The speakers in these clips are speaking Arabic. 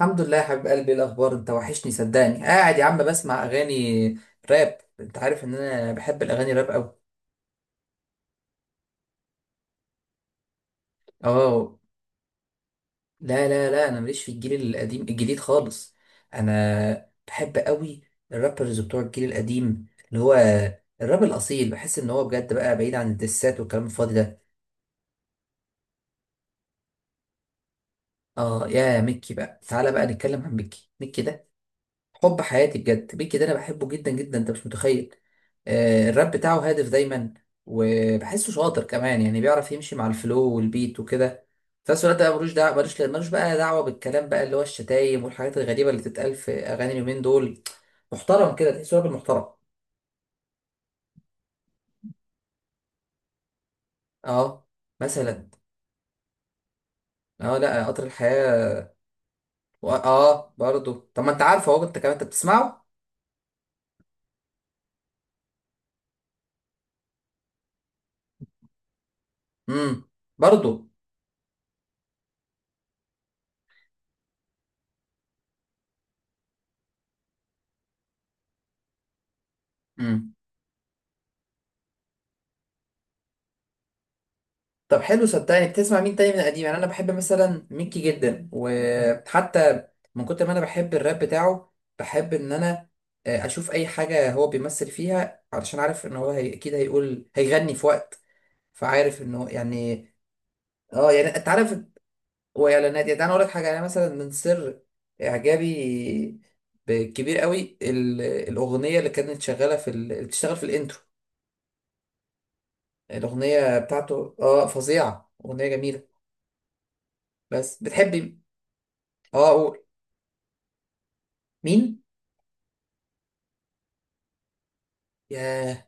الحمد لله يا حبيب قلبي، إيه الاخبار؟ انت وحشني صدقني. قاعد يا عم بسمع اغاني راب. انت عارف ان انا بحب الاغاني راب قوي. اه، لا لا لا انا ماليش في الجيل القديم الجديد خالص. انا بحب قوي الرابرز بتوع الجيل القديم، اللي هو الراب الاصيل. بحس ان هو بجد بقى بعيد عن الدسات والكلام الفاضي ده. اه، يا ميكي بقى، تعالى بقى نتكلم عن ميكي. ميكي ده حب حياتي بجد. بيكي ده انا بحبه جدا جدا، انت مش متخيل. الراب بتاعه هادف دايما، وبحسه شاطر كمان، يعني بيعرف يمشي مع الفلو والبيت وكده. في نفس الوقت بقى ملوش دعوه، ملوش بقى دعوه بالكلام بقى، اللي هو الشتايم والحاجات الغريبه اللي تتقال في اغاني اليومين دول. محترم كده، تحسه راجل محترم. اه، مثلا. اه، لا قطر الحياه. اه، برضو. طب ما انت عارفه اهو، انت كمان انت بتسمعه. امم برضو. مم. طب حلو، صدقني بتسمع مين تاني من قديم؟ يعني انا بحب مثلا ميكي جدا، وحتى من كتر ما انا بحب الراب بتاعه بحب ان انا اشوف اي حاجه هو بيمثل فيها، علشان عارف ان هو هي... اكيد هيقول هيغني في وقت. فعارف انه يعني اه، يعني انت عارف. واعلانات، يعني انا اقول لك حاجه، يعني مثلا من سر اعجابي كبير قوي الاغنيه اللي كانت شغاله في ال... اللي بتشتغل في الانترو، الاغنيه بتاعته اه فظيعه، اغنيه جميله. بس بتحبي اه، قول مين. ياه،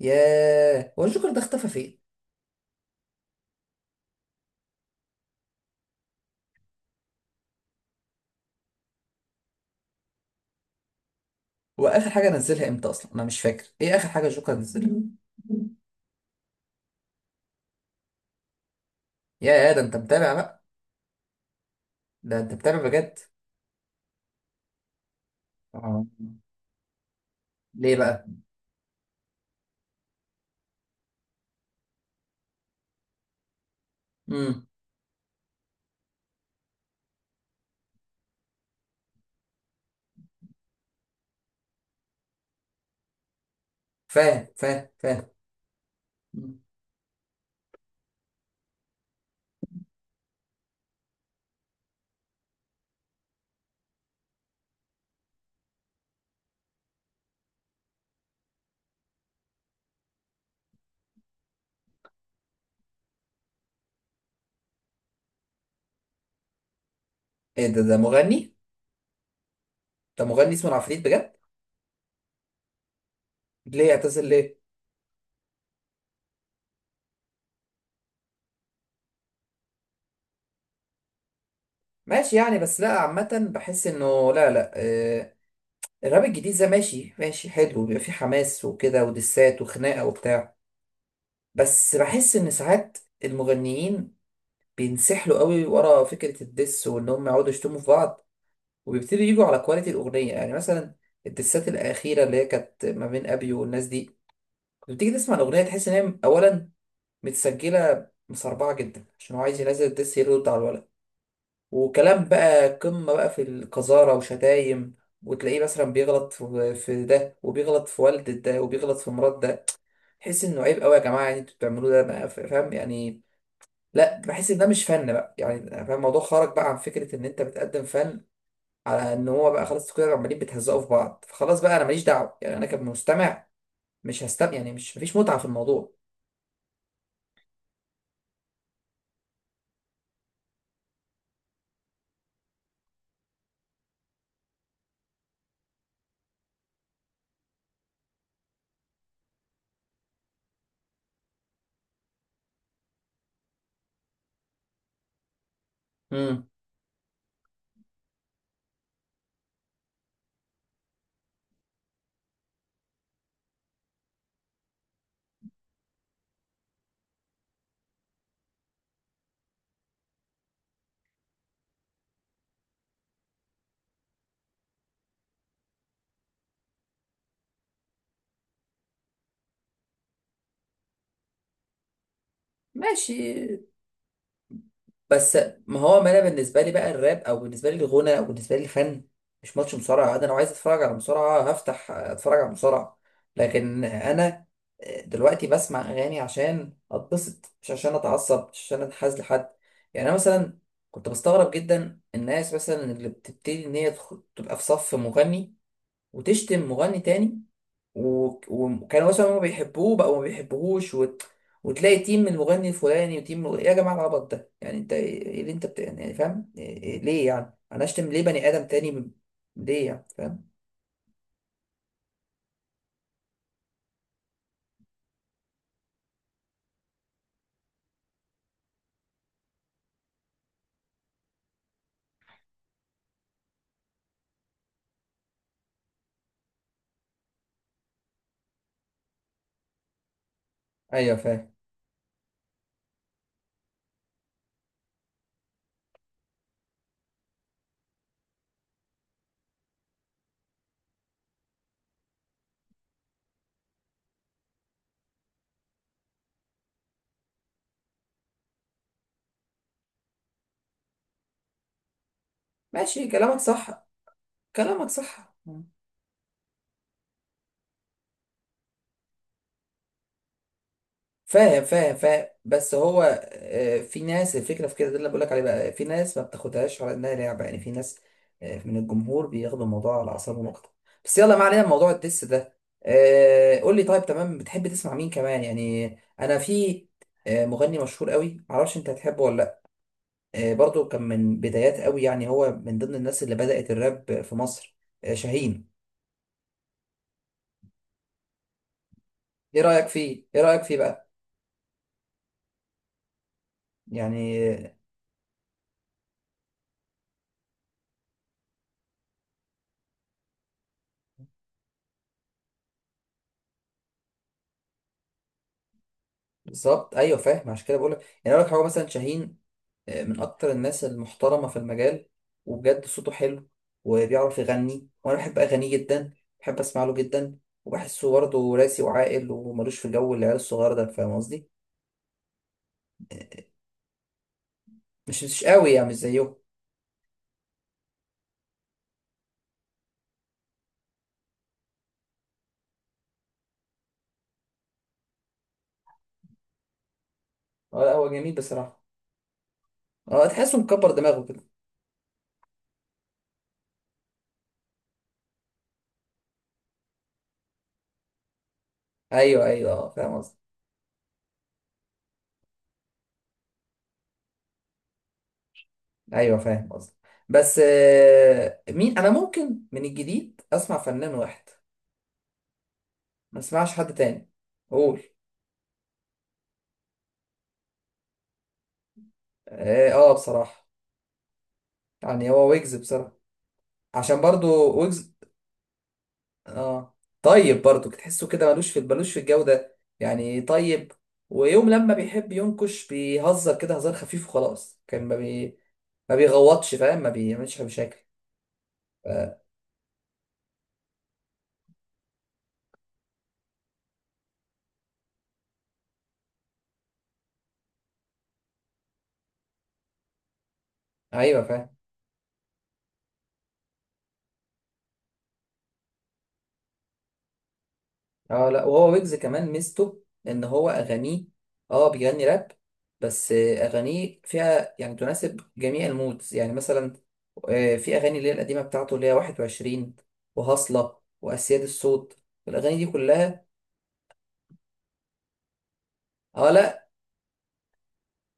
ياه، هو الجوكر ده اختفى فين؟ هو اخر حاجه نزلها امتى اصلا؟ انا مش فاكر ايه اخر حاجه الجوكر نزلها. ياه، ده انت متابع بقى، ده انت متابع بجد. آه. ليه بقى؟ امم فاهم فاهم. مم. ايه ده؟ ده مغني؟ ده مغني اسمه العفريت بجد؟ ليه اعتزل ليه؟ ماشي يعني، بس لا عامه بحس انه لا لا آه الراب الجديد ده ماشي ماشي حلو، بيبقى فيه حماس وكده ودسات وخناقه وبتاع، بس بحس ان ساعات المغنيين بينسحلوا قوي ورا فكره الدس، وان هم يقعدوا يشتموا في بعض، وبيبتدوا يجوا على كواليتي الاغنيه. يعني مثلا الدسات الاخيره اللي هي كانت ما بين ابي والناس دي، كنت بتيجي تسمع الاغنيه تحس ان هي اولا متسجله مسربعه جدا، عشان هو عايز ينزل الدس يرد على الولد. وكلام بقى قمه بقى في القذاره وشتايم، وتلاقيه مثلا بيغلط في ده وبيغلط في والدة ده وبيغلط في مرات ده. تحس انه عيب قوي يا جماعه، يعني انتوا بتعملوه ده بقى، فاهم يعني. لا بحس ان ده مش فن بقى، يعني فاهم، الموضوع خرج بقى عن فكره ان انت بتقدم فن، على ان هو بقى خلاص كده عمالين بتهزقوا في بعض. فخلاص بقى، انا ماليش دعوه، يعني انا كمستمع مش هستمع، يعني مش مفيش متعه في الموضوع. امم ماشي. بس ما انا بالنسبه لي بقى الراب، او بالنسبه لي الغنى، او بالنسبه لي الفن، مش ماتش مصارعه. انا لو عايز اتفرج على مصارعه هفتح اتفرج على مصارعه، لكن انا دلوقتي بسمع اغاني عشان اتبسط، مش عشان اتعصب، مش عشان اتحاز لحد. يعني انا مثلا كنت بستغرب جدا الناس مثلا اللي بتبتدي ان هي تبقى في صف مغني وتشتم مغني تاني، وكانوا مثلا هما بيحبوه بقوا ما بيحبوهوش وت... وتلاقي تيم من المغني الفلاني وتيم من... ايه يا جماعه العبط ده؟ يعني انت ايه، إيه اللي انت بت...، يعني إيه، فاهم إيه... إيه... ليه يعني انا اشتم ليه بني ادم تاني ب... ليه يعني فاهم. ايوه فاهم. ماشي كلامك صح. كلامك صح. فاهم فاهم. بس هو في ناس، الفكره في كده، ده اللي بقولك عليه بقى، في ناس ما بتاخدهاش على انها لعبه. يعني في ناس من الجمهور بياخدوا الموضوع على اعصابهم اكتر. بس يلا ما علينا من موضوع الدس ده. قول لي، طيب تمام، بتحب تسمع مين كمان يعني؟ انا في مغني مشهور قوي، معرفش انت هتحبه ولا لا. برضو كان من بدايات قوي، يعني هو من ضمن الناس اللي بدأت الراب في مصر، شاهين. ايه رأيك فيه؟ ايه رأيك فيه بقى؟ يعني آه، بالظبط. ايوه فاهم، عشان كده بقول لك، يعني اقول لك هو مثلا شاهين من اكتر الناس المحترمه في المجال، وبجد صوته حلو، وبيعرف يغني، وانا بحب اغانيه جدا، بحب اسمع له جدا. وبحسه برضه راسي وعاقل وملوش في جو العيال الصغير ده، فاهم قصدي. مش قوي يعني، مش زيه. اه لا، هو جميل بصراحه. اه، تحسه مكبر دماغه كده. ايوه ايوه، اه فاهم قصدي. ايوه فاهم قصدي. بس مين انا ممكن من الجديد اسمع فنان واحد، ما اسمعش حد تاني؟ قول. اه، بصراحه يعني هو ويجز بصراحه، عشان برضو ويجز. اه، طيب برضو تحسه كده ملوش في، ملوش في الجودة يعني، طيب. ويوم لما بيحب ينكش بيهزر كده هزار خفيف وخلاص، كان ما بي... ما بيغوطش، فاهم، ما بيعملش مشاكل. ف... ايوه فاهم. اه لا، وهو ويجز كمان ميزته ان هو اغانيه اه بيغني راب، بس اغانيه فيها يعني تناسب جميع المودز. يعني مثلا في اغاني اللي هي القديمة بتاعته، اللي هي 21 وهصلة واسياد الصوت، الاغاني دي كلها. اه لا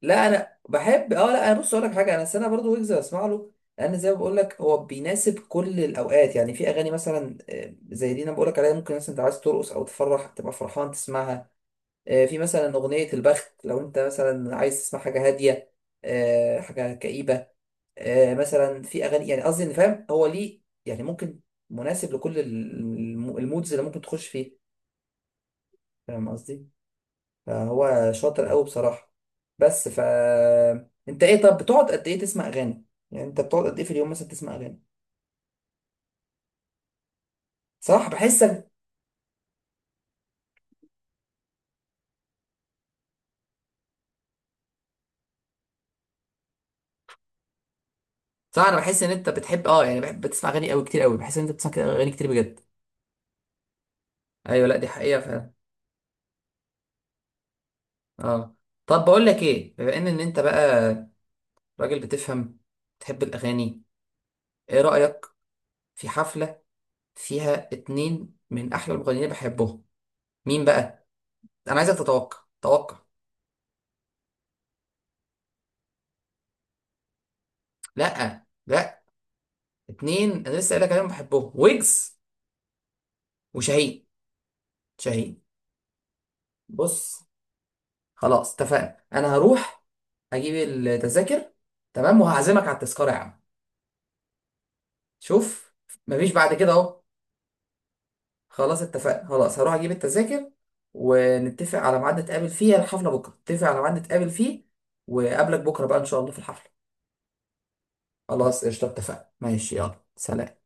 لا، انا بحب اه لا، انا بص اقول لك حاجه، انا السنه برضو ويجز بسمع له، لان زي ما بقول لك هو بيناسب كل الاوقات. يعني في اغاني مثلا زي دي انا بقول لك عليها، ممكن مثلا انت عايز ترقص او تفرح تبقى فرحان تسمعها. في مثلا اغنيه البخت، لو انت مثلا عايز تسمع حاجه هاديه، حاجه كئيبه، مثلا في اغاني. يعني قصدي ان فاهم هو ليه، يعني ممكن مناسب لكل المودز اللي ممكن تخش فيه، فاهم قصدي. فهو شاطر قوي بصراحة. بس ف انت ايه، طب بتقعد قد ايه تسمع اغاني؟ يعني انت بتقعد قد ايه في اليوم مثلا تسمع اغاني؟ صراحة بحسك، صراحة انا بحس ان انت بتحب اه، يعني بحب بتسمع اغاني قوي، كتير قوي، بحس ان انت بتسمع كده اغاني كتير بجد. ايوه لا، دي حقيقة فعلا. اه، طب بقول لك ايه، بما ان انت بقى راجل بتفهم، بتحب الاغاني، ايه رأيك في حفلة فيها اتنين من احلى المغنيين اللي بحبهم؟ مين بقى؟ انا عايزك تتوقع، توقع. لا لا، اتنين انا لسه قايل لك عليهم بحبهم: ويجز وشاهين. شاهين، بص، خلاص اتفقنا، انا هروح اجيب التذاكر، تمام، وهعزمك على التذكرة يا عم. شوف مفيش بعد كده اهو. خلاص اتفقنا، خلاص هروح اجيب التذاكر، ونتفق على ميعاد نتقابل فيه الحفلة بكرة، نتفق على ميعاد نتقابل فيه، وقابلك بكرة بقى ان شاء الله في الحفلة. خلاص قشطة، اتفقنا، ماشي، يلا سلام.